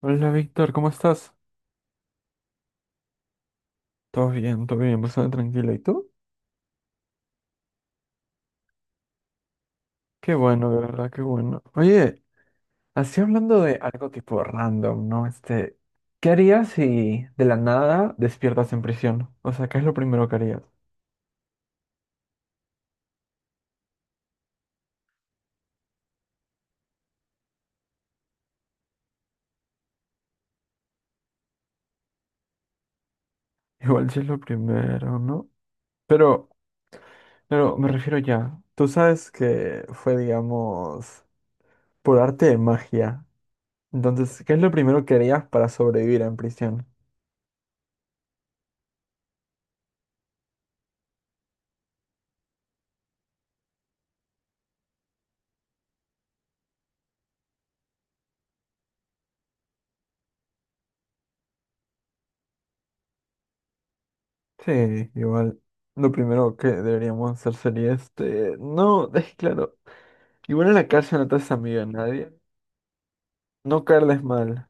Hola Víctor, ¿cómo estás? Todo bien, bastante tranquilo. ¿Y tú? Qué bueno, de verdad, qué bueno. Oye, así hablando de algo tipo random, ¿no? ¿Qué harías si de la nada despiertas en prisión? O sea, ¿qué es lo primero que harías? Igual si es lo primero, ¿no? Pero, pero me refiero ya. Tú sabes que fue, digamos, por arte de magia. Entonces, ¿qué es lo primero que harías para sobrevivir en prisión? Sí, igual. Lo primero que deberíamos hacer sería. No, es claro. Igual en la cárcel no te haces amigo de nadie. No caerles mal.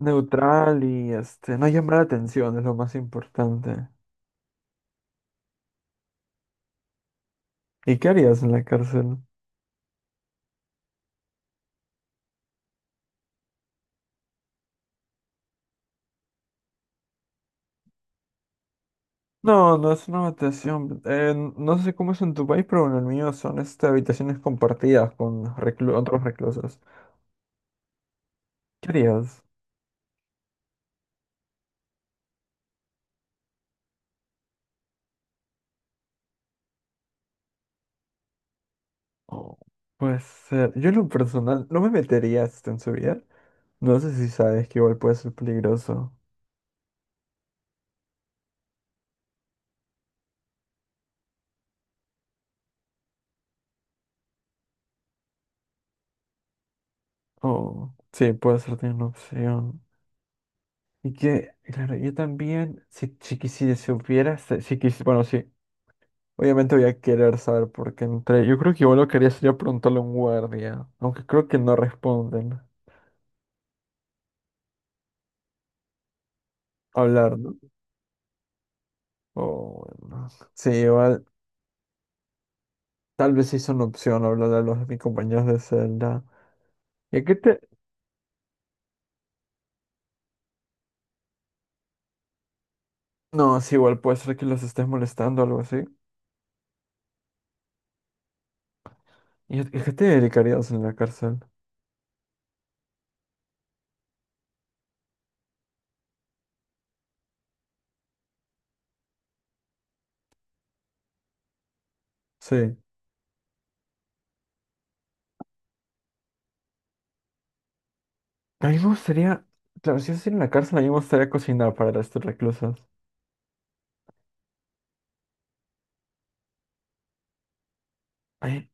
Neutral. No llamar la atención es lo más importante. ¿Y qué harías en la cárcel? No, no es una habitación. No sé cómo es en tu país, pero en el mío son habitaciones compartidas con los otros reclusos. ¿Qué harías? Oh, pues yo en lo personal no me metería en su vida. No sé si sabes que igual puede ser peligroso. Oh, sí, puede ser también una opción. Y que, claro, yo también, si quisiera, si hubiera, si, bueno, sí, obviamente voy a querer saber por qué entré. Yo creo que igual lo quería sería preguntarle a un guardia, aunque creo que no responden. Hablar, ¿no? Oh, bueno. Sí, igual, tal vez sí es una opción hablar a los de mis compañeros de celda. ¿Y a qué te...? No, sí, igual puede ser que los estés molestando o algo así. ¿Y a qué te dedicarías en la cárcel? Sí. A mí me gustaría, claro, si yo estoy en la cárcel, a mí me gustaría cocinar para los reclusos. A mí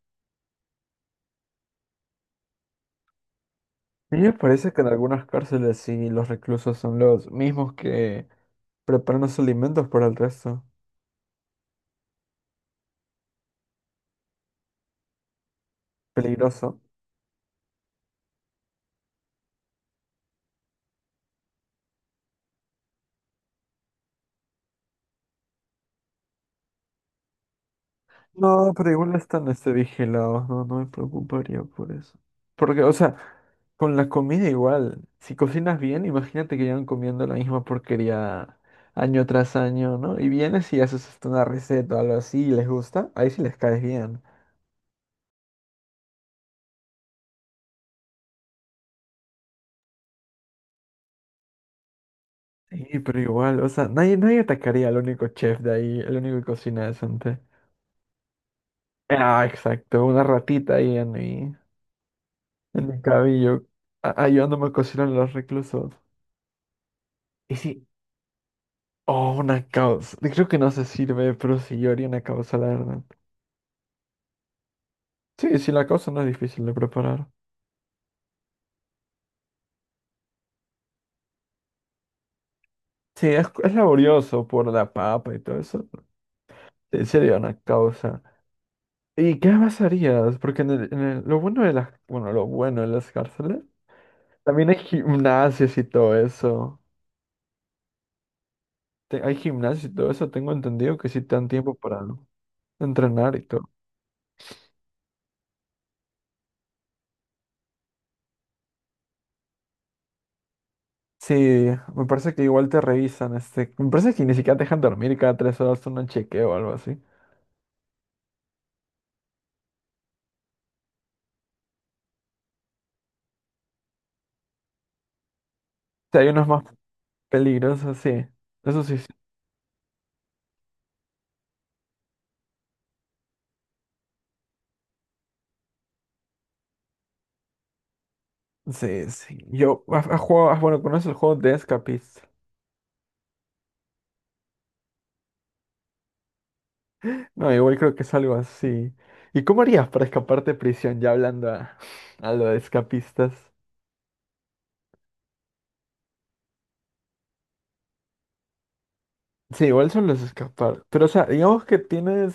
a mí me parece que en algunas cárceles sí los reclusos son los mismos que preparan los alimentos para el resto. Peligroso. No, pero igual están vigilados, no, no me preocuparía por eso. Porque, o sea, con la comida igual, si cocinas bien, imagínate que llevan comiendo la misma porquería año tras año, ¿no? Y vienes y haces hasta una receta o algo así y les gusta, ahí sí les caes bien. Sí, pero igual, o sea, nadie, nadie atacaría al único chef de ahí, el único que cocina decente. Ah, exacto, una ratita ahí en mi cabello, ayudándome a cocinar a los reclusos. Y sí, oh, una causa. Creo que no se sirve, pero sí, yo haría una causa, la verdad. Sí, sí, la causa no es difícil de preparar. Sí, es laborioso por la papa y todo eso. Sí, sería una causa. ¿Y qué más harías? Porque lo bueno de las cárceles, también hay gimnasios y todo eso. Hay gimnasio y todo eso, tengo entendido que sí te dan tiempo para entrenar y todo. Sí, me parece que igual te revisan, me parece que ni siquiera te dejan dormir y cada 3 horas un chequeo o algo así. O sea, hay unos más peligrosos, sí. Eso sí, sí, sí. Sí. Yo, bueno, conoces el juego de Escapist? No, igual creo que es algo así. ¿Y cómo harías para escaparte de prisión? Ya hablando a lo de escapistas. Sí, igual son los escapar. Pero, o sea, digamos que tienes.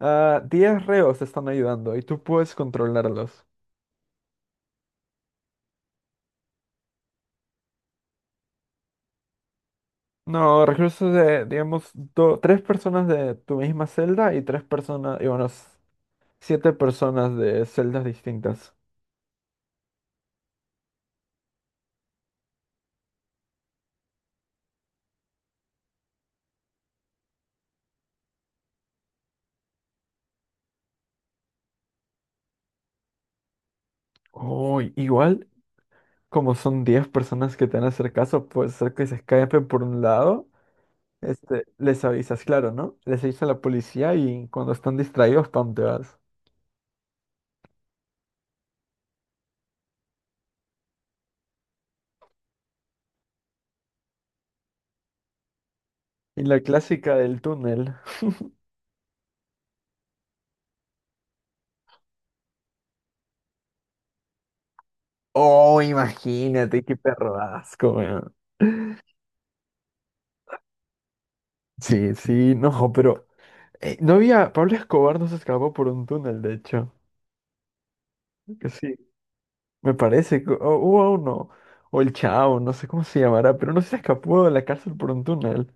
Ah, 10 reos están ayudando y tú puedes controlarlos. No, reclusos de, digamos, tres personas de tu misma celda y tres personas, siete personas de celdas distintas. Oh, igual, como son 10 personas que te van a hacer caso, puede ser que se escapen por un lado. Les avisas, claro, ¿no? Les avisas a la policía y cuando están distraídos, pam, te vas. Y la clásica del túnel. Oh, imagínate, qué perro asco, weón. Sí, sí, no, pero Pablo Escobar no se escapó por un túnel, de hecho. Que sí, me parece que hubo uno, o el Chao, no sé cómo se llamará, pero no se escapó de la cárcel por un túnel.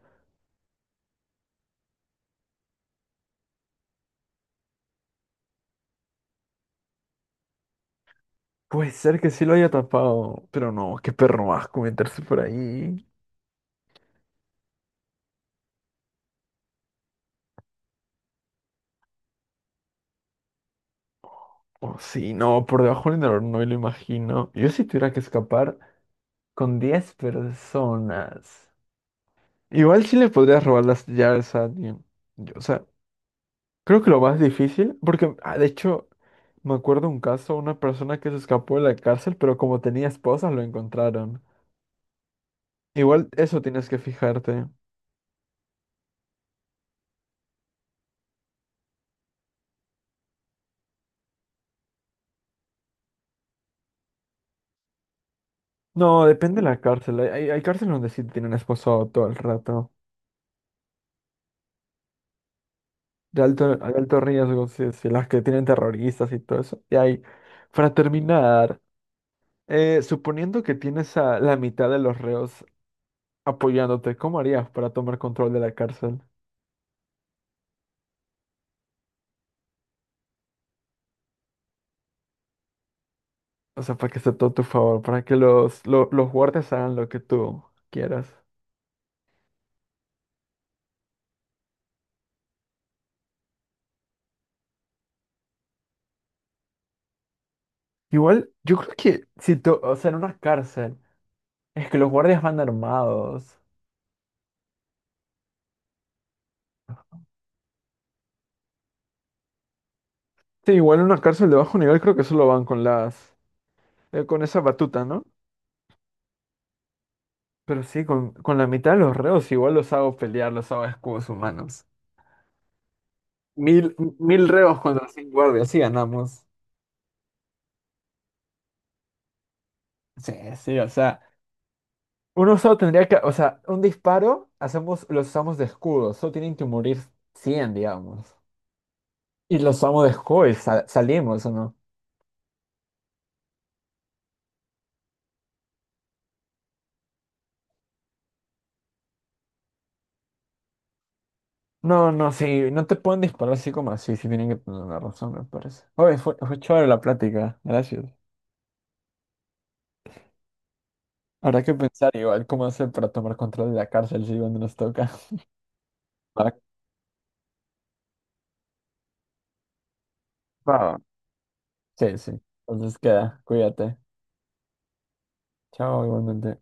Puede ser que sí lo haya tapado, pero no, qué perro asco meterse por ahí. O sí, no, por debajo del inodoro no me lo imagino. Yo si tuviera que escapar con 10 personas. Igual sí le podrías robar las llaves a alguien. Yo, o sea, creo que lo más difícil, porque ah, de hecho me acuerdo un caso, una persona que se escapó de la cárcel, pero como tenía esposa, lo encontraron. Igual eso tienes que fijarte. No, depende de la cárcel. Hay cárceles donde sí tienen esposado todo el rato. De alto riesgo, sí, sí, las que tienen terroristas y todo eso. Para terminar, suponiendo que tienes a la mitad de los reos apoyándote, ¿cómo harías para tomar control de la cárcel? O sea, para que esté todo a tu favor, para que los guardias hagan lo que tú quieras. Igual, yo creo que si tú, o sea, en una cárcel, es que los guardias van armados. Sí, igual en una cárcel de bajo nivel creo que solo van con esa batuta, ¿no? Pero sí, con la mitad de los reos igual los hago pelear, los hago escudos humanos. Mil reos contra 100 guardias, sí ganamos. Sí, sí, o sea, uno solo tendría que, o sea, un disparo, hacemos, los usamos de escudo, solo tienen que morir 100 digamos. Y los amo de Joy, salimos o no. No, no, sí, no te pueden disparar así como así, sí tienen que tener una razón, me parece. Oye, fue chévere la plática, gracias. Habrá que pensar igual cómo hacer para tomar control de la cárcel si cuando nos toca. Va, va. Sí, sí. Entonces queda, cuídate. Chao, igualmente.